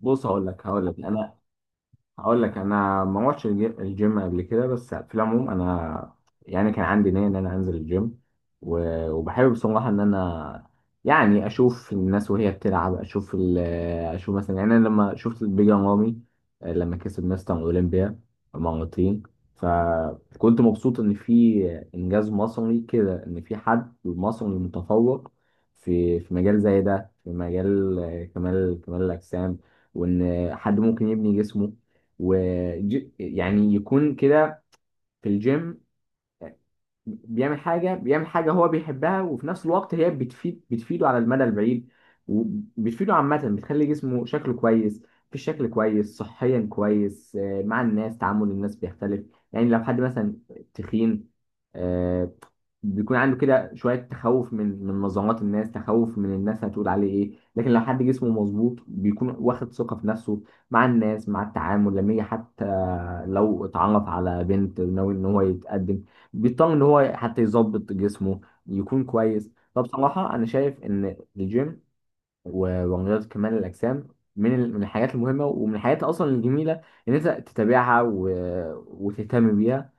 بص، هقول لك انا ما روحتش الجيم قبل كده. بس في العموم انا يعني كان عندي نيه ان انا انزل الجيم، وبحب بصراحه ان انا يعني اشوف الناس وهي بتلعب، اشوف مثلا. يعني انا لما شفت بيجان رامي، لما كسب مستر اولمبيا مرتين، فكنت مبسوط ان في انجاز مصري كده، ان في حد مصري متفوق في مجال زي ده، في مجال كمال الاجسام، وان حد ممكن يبني جسمه ويعني يكون كده في الجيم، بيعمل حاجة هو بيحبها، وفي نفس الوقت هي بتفيده على المدى البعيد، وبتفيده عامة، بتخلي جسمه شكله كويس، في الشكل كويس، صحيا كويس، مع الناس تعامل الناس بيختلف. يعني لو حد مثلا تخين، آه، بيكون عنده كده شوية تخوف من نظرات الناس، تخوف من الناس هتقول عليه ايه، لكن لو حد جسمه مظبوط بيكون واخد ثقة في نفسه مع الناس، مع التعامل، لما يجي حتى لو اتعرف على بنت ناوي ان هو يتقدم بيطمن ان هو حتى يظبط جسمه يكون كويس. فبصراحه انا شايف ان الجيم ورياضه كمال الاجسام من الحاجات المهمه، ومن الحاجات اصلا الجميله ان انت تتابعها وتهتم بيها.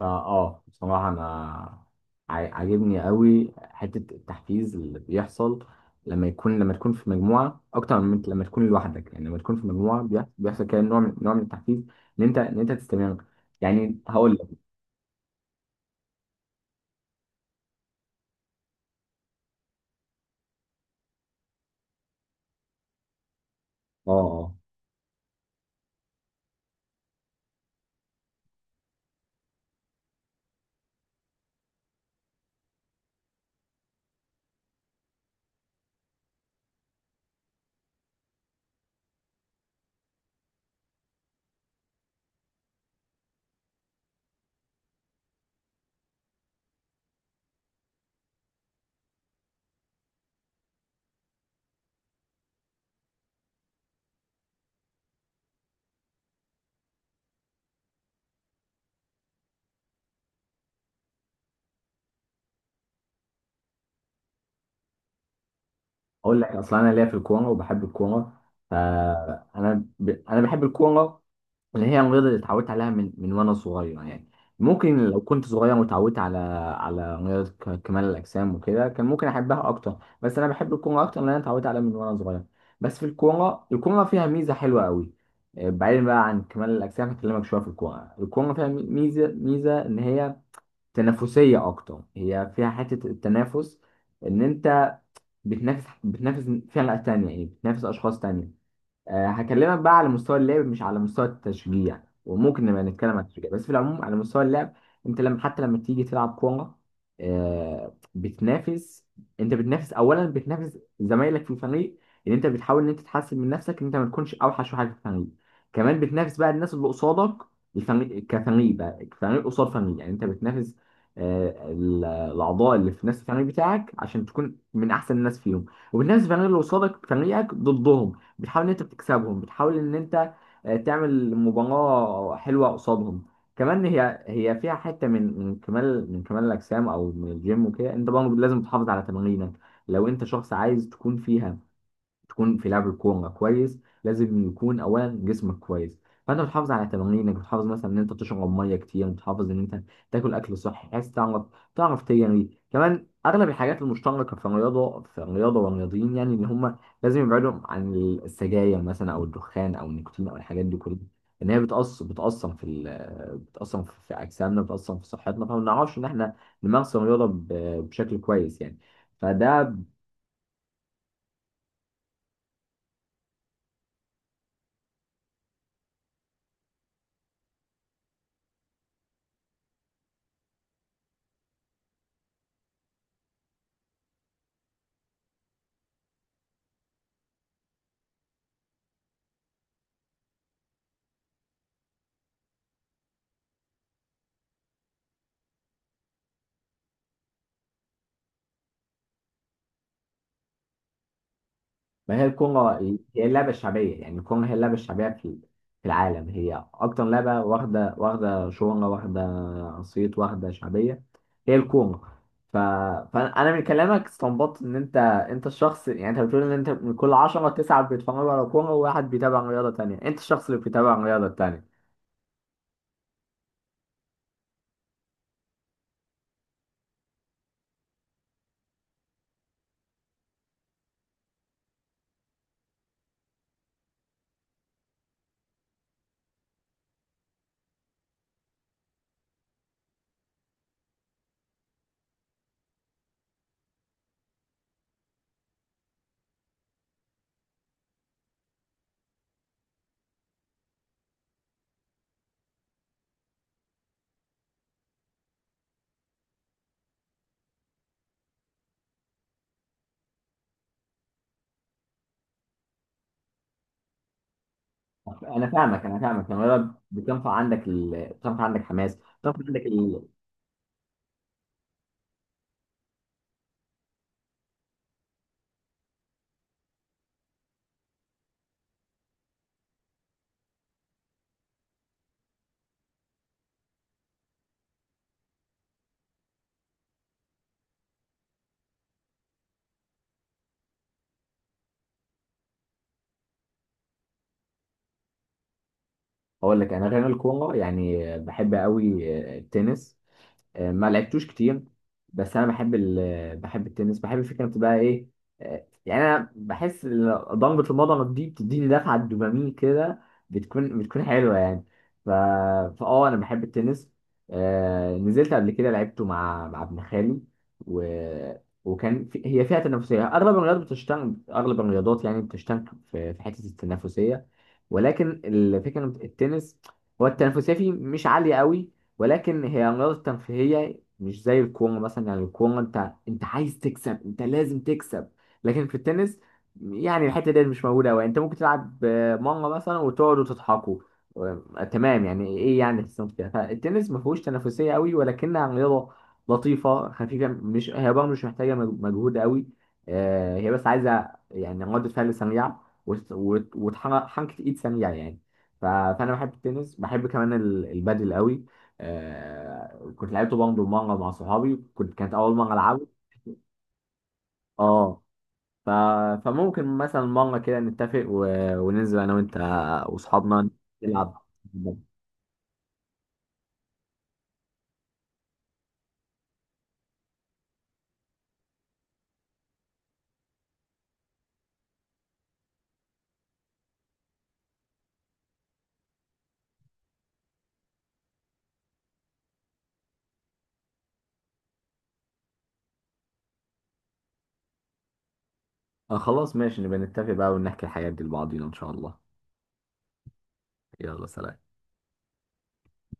فا اه بصراحه انا عاجبني قوي حته التحفيز اللي بيحصل لما تكون في مجموعه، اكتر من لما تكون لوحدك. يعني لما تكون في مجموعه بيحصل كده نوع من، التحفيز ان انت، تستمر. يعني هقول لك. اه آه. اقول لك اصلا انا ليا في الكوره وبحب الكوره، فانا ب... انا بحب الكوره، اللي هي الرياضه اللي اتعودت عليها من وانا صغير يعني. ممكن لو كنت صغير واتعودت على رياضه كمال الاجسام وكده كان ممكن احبها اكتر، بس انا بحب الكوره اكتر لان انا اتعودت عليها من وانا صغير. بس في الكوره، فيها ميزه حلوه قوي. بعيدا بقى عن كمال الاجسام هكلمك شويه في الكوره فيها ميزه ان هي تنافسيه اكتر، هي فيها حته التنافس، ان انت بتنافس فئة تانية، يعني بتنافس أشخاص تانية. هكلمك بقى على مستوى اللعب مش على مستوى التشجيع، وممكن نبقى نتكلم عن التشجيع، بس في العموم على مستوى اللعب، انت حتى لما تيجي تلعب كورة، بتنافس. انت بتنافس اولا بتنافس زمايلك في الفريق، ان انت بتحاول ان انت تحسن من نفسك، ان انت ما تكونش اوحش واحد في الفريق. كمان بتنافس بقى الناس اللي قصادك، الفريق كفريق بقى، فريق قصاد فريق. يعني انت بتنافس الاعضاء اللي في نفس الفريق بتاعك عشان تكون من احسن الناس فيهم، وبتنافس الفريق اللي قصادك، فريقك ضدهم، بتحاول ان انت بتكسبهم، بتحاول ان انت تعمل مباراة حلوة قصادهم. كمان هي فيها حتة من كمال الأجسام أو من الجيم وكده، أنت برضه لازم تحافظ على تمارينك، لو أنت شخص عايز تكون في لعب الكوره كويس، لازم يكون اولا جسمك كويس. فانت بتحافظ على تمارينك، بتحافظ مثلا ان انت تشرب ميه كتير، بتحافظ ان انت تاكل اكل صحي، بحيث تعرف تجري كمان. اغلب الحاجات المشتركه في الرياضه، والرياضيين يعني، ان هم لازم يبعدوا عن السجاير مثلا او الدخان او النيكوتين او الحاجات دي كلها، ان هي بتأثر في اجسامنا، بتأثر في صحتنا، فما بنعرفش ان احنا نمارس الرياضه بشكل كويس يعني. فده. ما هي الكورة، هي اللعبة الشعبية. يعني الكورة هي اللعبة الشعبية في العالم، هي أكتر لعبة واخدة، شهرة، واخدة صيت، واخدة شعبية، هي الكورة. ف... فأنا من كلامك استنبطت إن أنت الشخص. يعني أنت بتقول إن أنت من كل 10 9 بيتفرجوا على كورة و1 بيتابع رياضة تانية، أنت الشخص اللي بيتابع الرياضة التانية. أنا فاهمك، الرياضة بتنفع عندك بتنفع عندك حماس. بتنفع عندك ال... أقول لك أنا غير الكورة يعني بحب أوي التنس. ما لعبتوش كتير، بس انا بحب بحب التنس، بحب فكره بقى ايه. يعني انا بحس إن ضربه المضرب دي بتديني دفعه دوبامين كده، بتكون حلوه يعني. ف... فاه انا بحب التنس. نزلت قبل كده لعبته مع ابن خالي، و... هي فيها تنافسيه. اغلب الرياضات بتشتغل، اغلب الرياضات يعني بتشتغل في حته التنافسيه، ولكن الفكره إن التنس هو التنافسيه فيه مش عاليه قوي، ولكن هي رياضة ترفيهية مش زي الكورة مثلا. يعني الكورة، انت عايز تكسب، انت لازم تكسب. لكن في التنس يعني الحتة دي مش موجودة أوي، انت ممكن تلعب مرة مثلا وتقعدوا تضحكوا، تمام يعني ايه، يعني تحسن فيها. فالتنس ما فيهوش تنافسية قوي، ولكنها رياضة لطيفة خفيفة، مش هي برضه مش محتاجة مجهود قوي. هي بس عايزة يعني ردة فعل سريعة، وتحرك حركة ايد سريعة يعني. فانا بحب التنس، بحب كمان البادل قوي. كنت لعبته برضه مانجا مع صحابي، كانت اول مانجا العبه. اه. ف... فممكن مثلا مانجا كده نتفق وننزل انا وانت واصحابنا نلعب. آه خلاص ماشي، نبقى نتفق بقى ونحكي الحاجات دي لبعضينا ان شاء الله. يلا سلام.